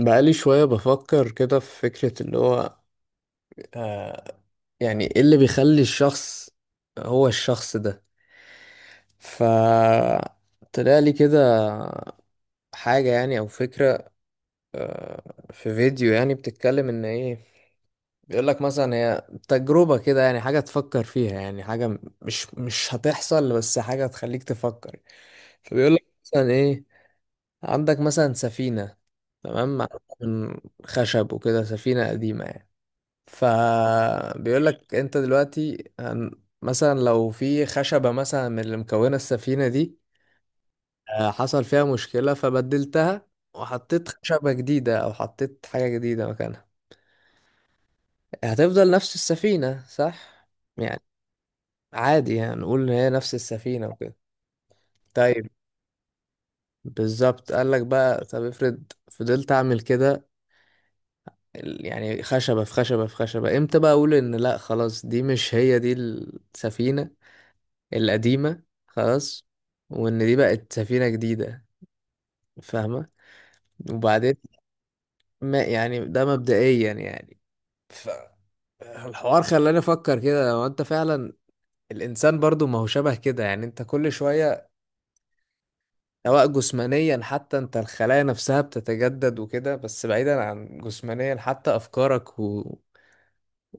بقالي شوية بفكر كده في فكرة اللي هو. آه يعني ايه اللي بيخلي الشخص هو الشخص ده. ف طلع لي كده حاجة يعني أو فكرة. آه في فيديو يعني بتتكلم إن إيه، بيقولك مثلا هي تجربة كده، يعني حاجة تفكر فيها، يعني حاجة مش هتحصل بس حاجة تخليك تفكر. فبيقولك مثلا إيه، عندك مثلا سفينة، تمام، معمولة من خشب وكده، سفينة قديمة يعني. فبيقول لك انت دلوقتي مثلا لو في خشبة مثلا من اللي مكونة السفينة دي حصل فيها مشكلة فبدلتها وحطيت خشبة جديدة، او حطيت حاجة جديدة مكانها، هتفضل نفس السفينة صح؟ يعني عادي يعني نقول ان هي نفس السفينة وكده. طيب، بالظبط، قال لك بقى طب افرض فضلت اعمل كده، يعني خشبة في خشبة في خشبة، امتى بقى اقول ان لا خلاص دي مش هي دي السفينة القديمة، خلاص، وإن دي بقت سفينة جديدة؟ فاهمة؟ وبعدين ما يعني ده مبدئيا يعني ف... الحوار خلاني أفكر كده، لو أنت فعلا الإنسان برضو ما هو شبه كده يعني، أنت كل شوية، سواء جسمانيا، حتى أنت الخلايا نفسها بتتجدد وكده، بس بعيدا عن جسمانيا، حتى أفكارك و...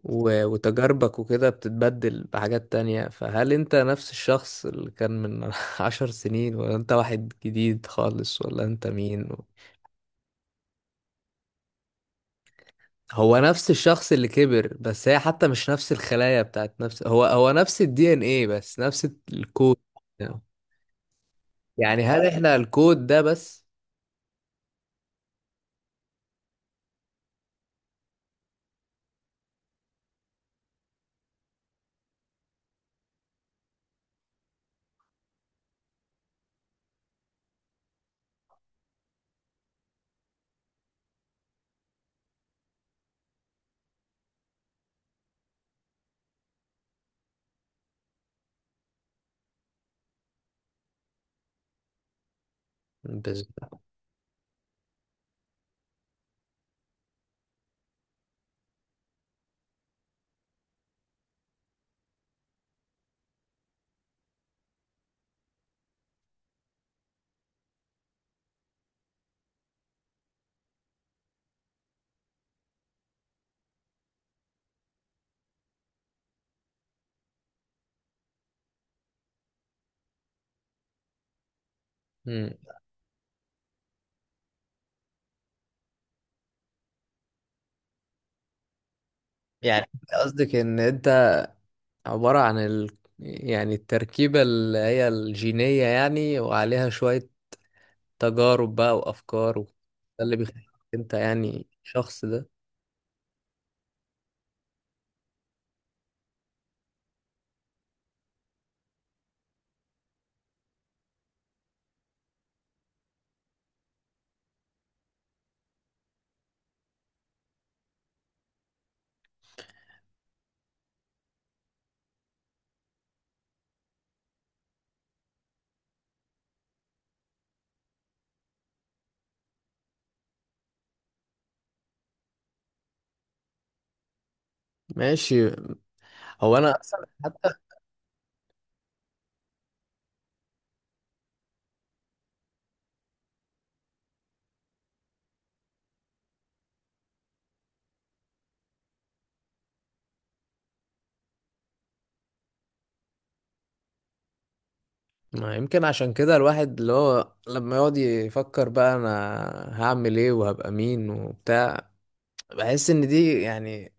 و- وتجاربك وكده بتتبدل بحاجات تانية، فهل انت نفس الشخص اللي كان من عشر سنين؟ ولا انت واحد جديد خالص؟ ولا انت مين؟ هو نفس الشخص اللي كبر، بس هي حتى مش نفس الخلايا بتاعت نفس، هو نفس الدي ان ايه بس، نفس الكود. يعني هل احنا الكود ده بس؟ بس مم. يعني قصدك ان انت عبارة عن يعني التركيبة اللي هي الجينية يعني، وعليها شوية تجارب بقى وافكار ده اللي بيخليك انت يعني شخص، ده ماشي. هو انا اصلا ما يمكن عشان كده الواحد اللي هو لما يقعد يفكر بقى انا هعمل ايه وهبقى مين وبتاع، بحس ان دي يعني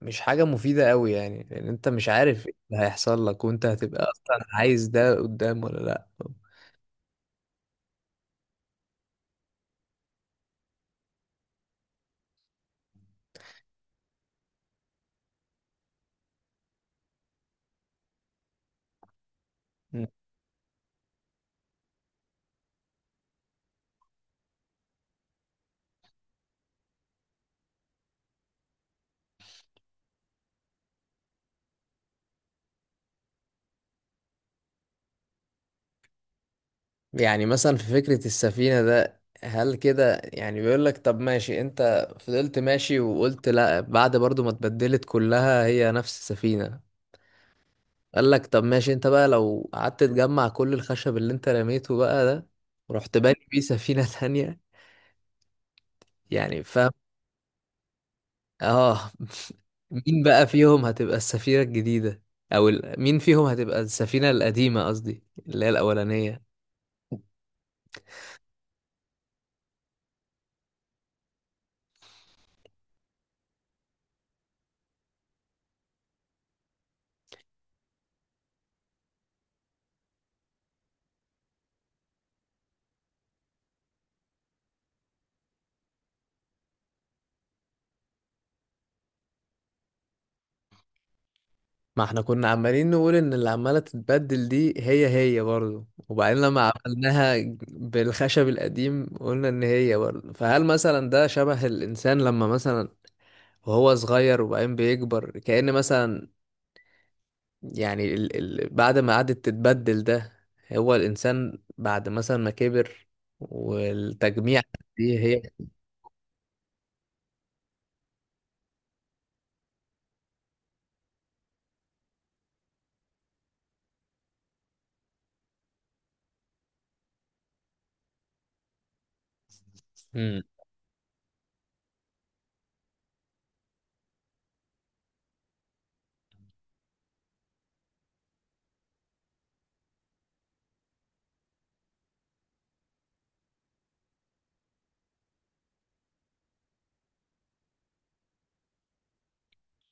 مش حاجة مفيدة قوي، يعني لان انت مش عارف ايه اللي هيحصل لك، وانت هتبقى اصلا عايز ده قدام ولا لا. يعني مثلا في فكرة السفينة ده، هل كده يعني بيقول لك طب ماشي انت فضلت ماشي وقلت لا، بعد برضو ما اتبدلت كلها هي نفس السفينة؟ قال لك طب ماشي، انت بقى لو قعدت تجمع كل الخشب اللي انت رميته بقى ده، ورحت باني بيه سفينة تانية، يعني فاهم؟ اه، مين بقى فيهم هتبقى السفينة الجديدة، او مين فيهم هتبقى السفينة القديمة، قصدي اللي هي الأولانية؟ ما احنا كنا عمالين نقول ان اللي عمالة تتبدل دي هي برضه، وبعدين لما عملناها بالخشب القديم قلنا ان هي برضه، فهل مثلا ده شبه الانسان لما مثلا وهو صغير وبعدين بيكبر، كأن مثلا يعني ال ال بعد ما قعدت تتبدل ده، هو الانسان بعد مثلا ما كبر، والتجميع دي هي.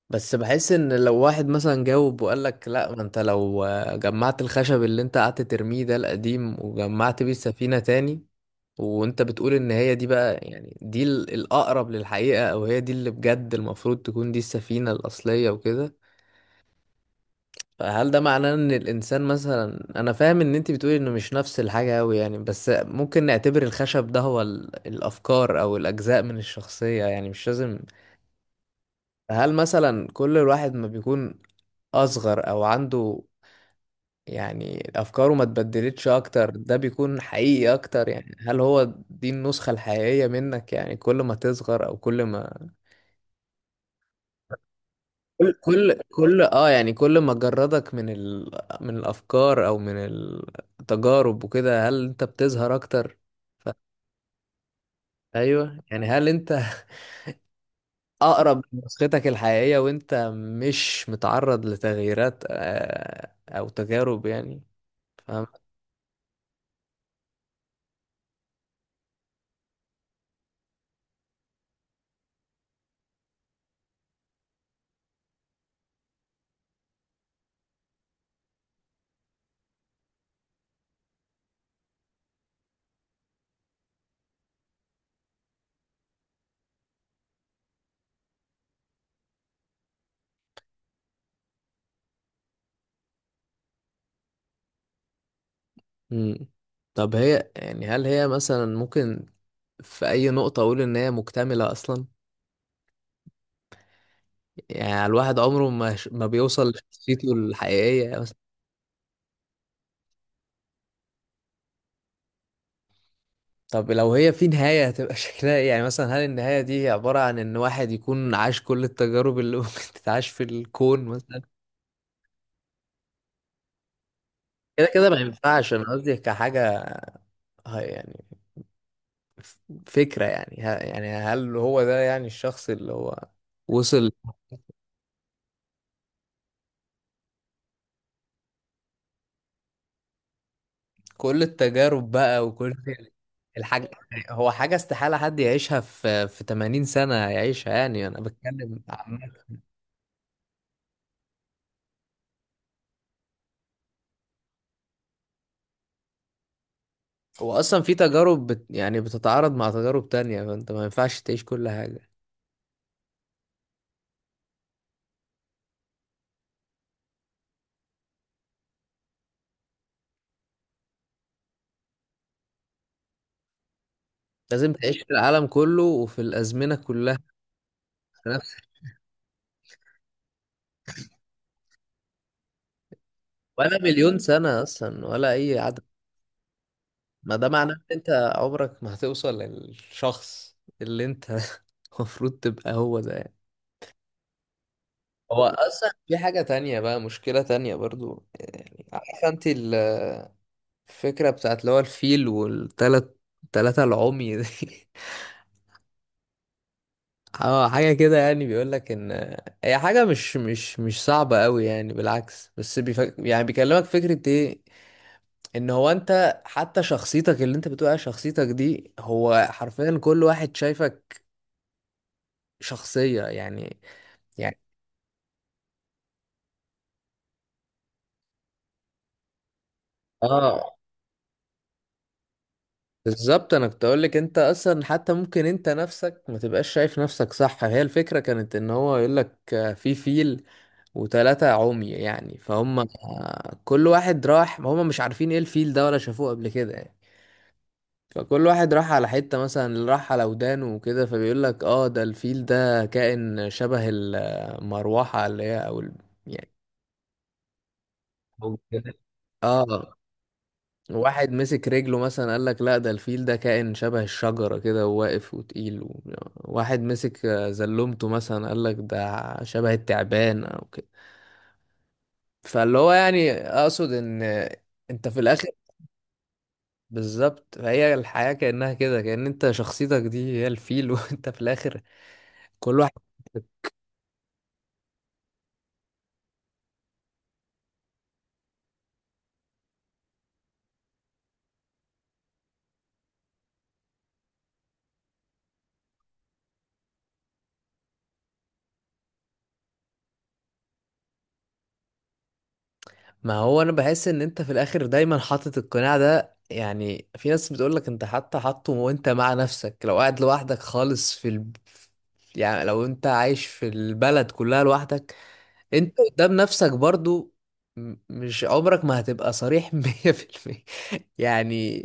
بس بحس ان لو واحد مثلا جاوب وقال لك لا، ما انت لو جمعت الخشب اللي انت قعدت ترميه ده القديم، وجمعت بيه السفينة تاني، وانت بتقول ان هي دي بقى، يعني دي الاقرب للحقيقة، او هي دي اللي بجد المفروض تكون دي السفينة الاصلية وكده، فهل ده معناه ان الانسان مثلا؟ انا فاهم ان انت بتقولي انه مش نفس الحاجة اوي يعني، بس ممكن نعتبر الخشب ده هو الافكار او الاجزاء من الشخصية، يعني مش لازم. هل مثلا كل الواحد ما بيكون اصغر، او عنده يعني افكاره ما اتبدلتش اكتر، ده بيكون حقيقي اكتر؟ يعني هل هو دي النسخة الحقيقية منك؟ يعني كل ما تصغر، او كل ما كل اه، يعني كل ما جردك من من الافكار او من التجارب وكده، هل انت بتظهر اكتر؟ ف... ايوه يعني، هل انت اقرب لنسختك الحقيقية وانت مش متعرض لتغييرات او تجارب يعني؟ مم. طب هي يعني هل هي مثلا ممكن في أي نقطة أقول إن هي مكتملة أصلا؟ يعني الواحد عمره ما بيوصل لشخصيته الحقيقية مثلا؟ طب لو هي في نهاية هتبقى شكلها إيه؟ يعني مثلا هل النهاية دي هي عبارة عن إن واحد يكون عاش كل التجارب اللي ممكن تتعاش في الكون مثلا؟ كده كده ما ينفعش، أنا قصدي كحاجة، يعني ف- فكرة يعني يعني هل هو ده يعني الشخص اللي هو وصل كل التجارب بقى وكل الحاجة؟ هو حاجة استحالة حد يعيشها، في 80 سنة يعيشها، يعني أنا بتكلم عامة. هو أصلا في تجارب بت يعني بتتعارض مع تجارب تانية، فأنت ما ينفعش تعيش كل حاجة. لازم تعيش في العالم كله وفي الأزمنة كلها في نفس. ولا مليون سنة أصلا ولا أي عدد. ما ده معناه إن أنت عمرك ما هتوصل للشخص اللي أنت المفروض تبقى هو ده. هو اصلا في حاجة تانية بقى، مشكلة تانية برضو، يعني عارفة انت الفكرة بتاعت اللي هو الفيل والتلات تلاتة العمي دي؟ اه حاجة كده، يعني بيقول لك ان هي حاجة مش صعبة قوي يعني، بالعكس، بس يعني بيكلمك فكرة ايه، ان هو انت حتى شخصيتك اللي انت بتقول عليها شخصيتك دي، هو حرفيا كل واحد شايفك شخصية يعني. يعني اه، بالظبط، انا كنت اقول لك انت اصلا حتى ممكن انت نفسك ما تبقاش شايف نفسك صح. هي الفكره كانت ان هو يقول لك في فيل وثلاثه عمي يعني، فهم كل واحد راح، هم مش عارفين ايه الفيل ده ولا شافوه قبل كده يعني، فكل واحد راح على حته، مثلا اللي راح على ودانه وكده، فبيقول لك اه ده الفيل ده كائن شبه المروحه اللي هي، او يعني أو كده. اه، واحد مسك رجله مثلا قال لك لا، ده الفيل ده كائن شبه الشجرة كده، وواقف وتقيل واحد مسك زلمته مثلا قال لك ده شبه التعبان او كده. فاللي هو يعني اقصد ان انت في الاخر، بالظبط، فهي الحياة كأنها كده، كأن انت شخصيتك دي هي الفيل، وانت في الاخر كل واحد. ما هو انا بحس ان انت في الاخر دايما حاطط القناع ده، يعني في ناس بتقولك انت حتى حاطه وانت مع نفسك، لو قاعد لوحدك خالص في يعني لو انت عايش في البلد كلها لوحدك، انت قدام نفسك برضو، مش عمرك ما هتبقى صريح مية في المية يعني.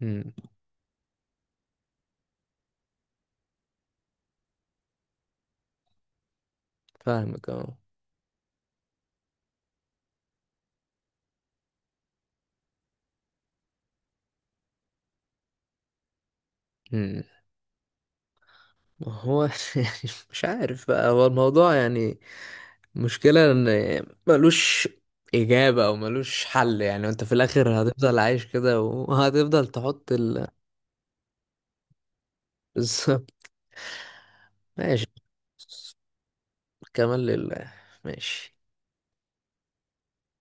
مم، فاهمك اه. مم. ما هو يعني، مش عارف بقى، هو الموضوع يعني المشكلة ان ملوش اجابة او ملوش حل، يعني انت في الاخر هتفضل عايش كده، وهتفضل تحط بس ماشي. كمان لله. ماشي.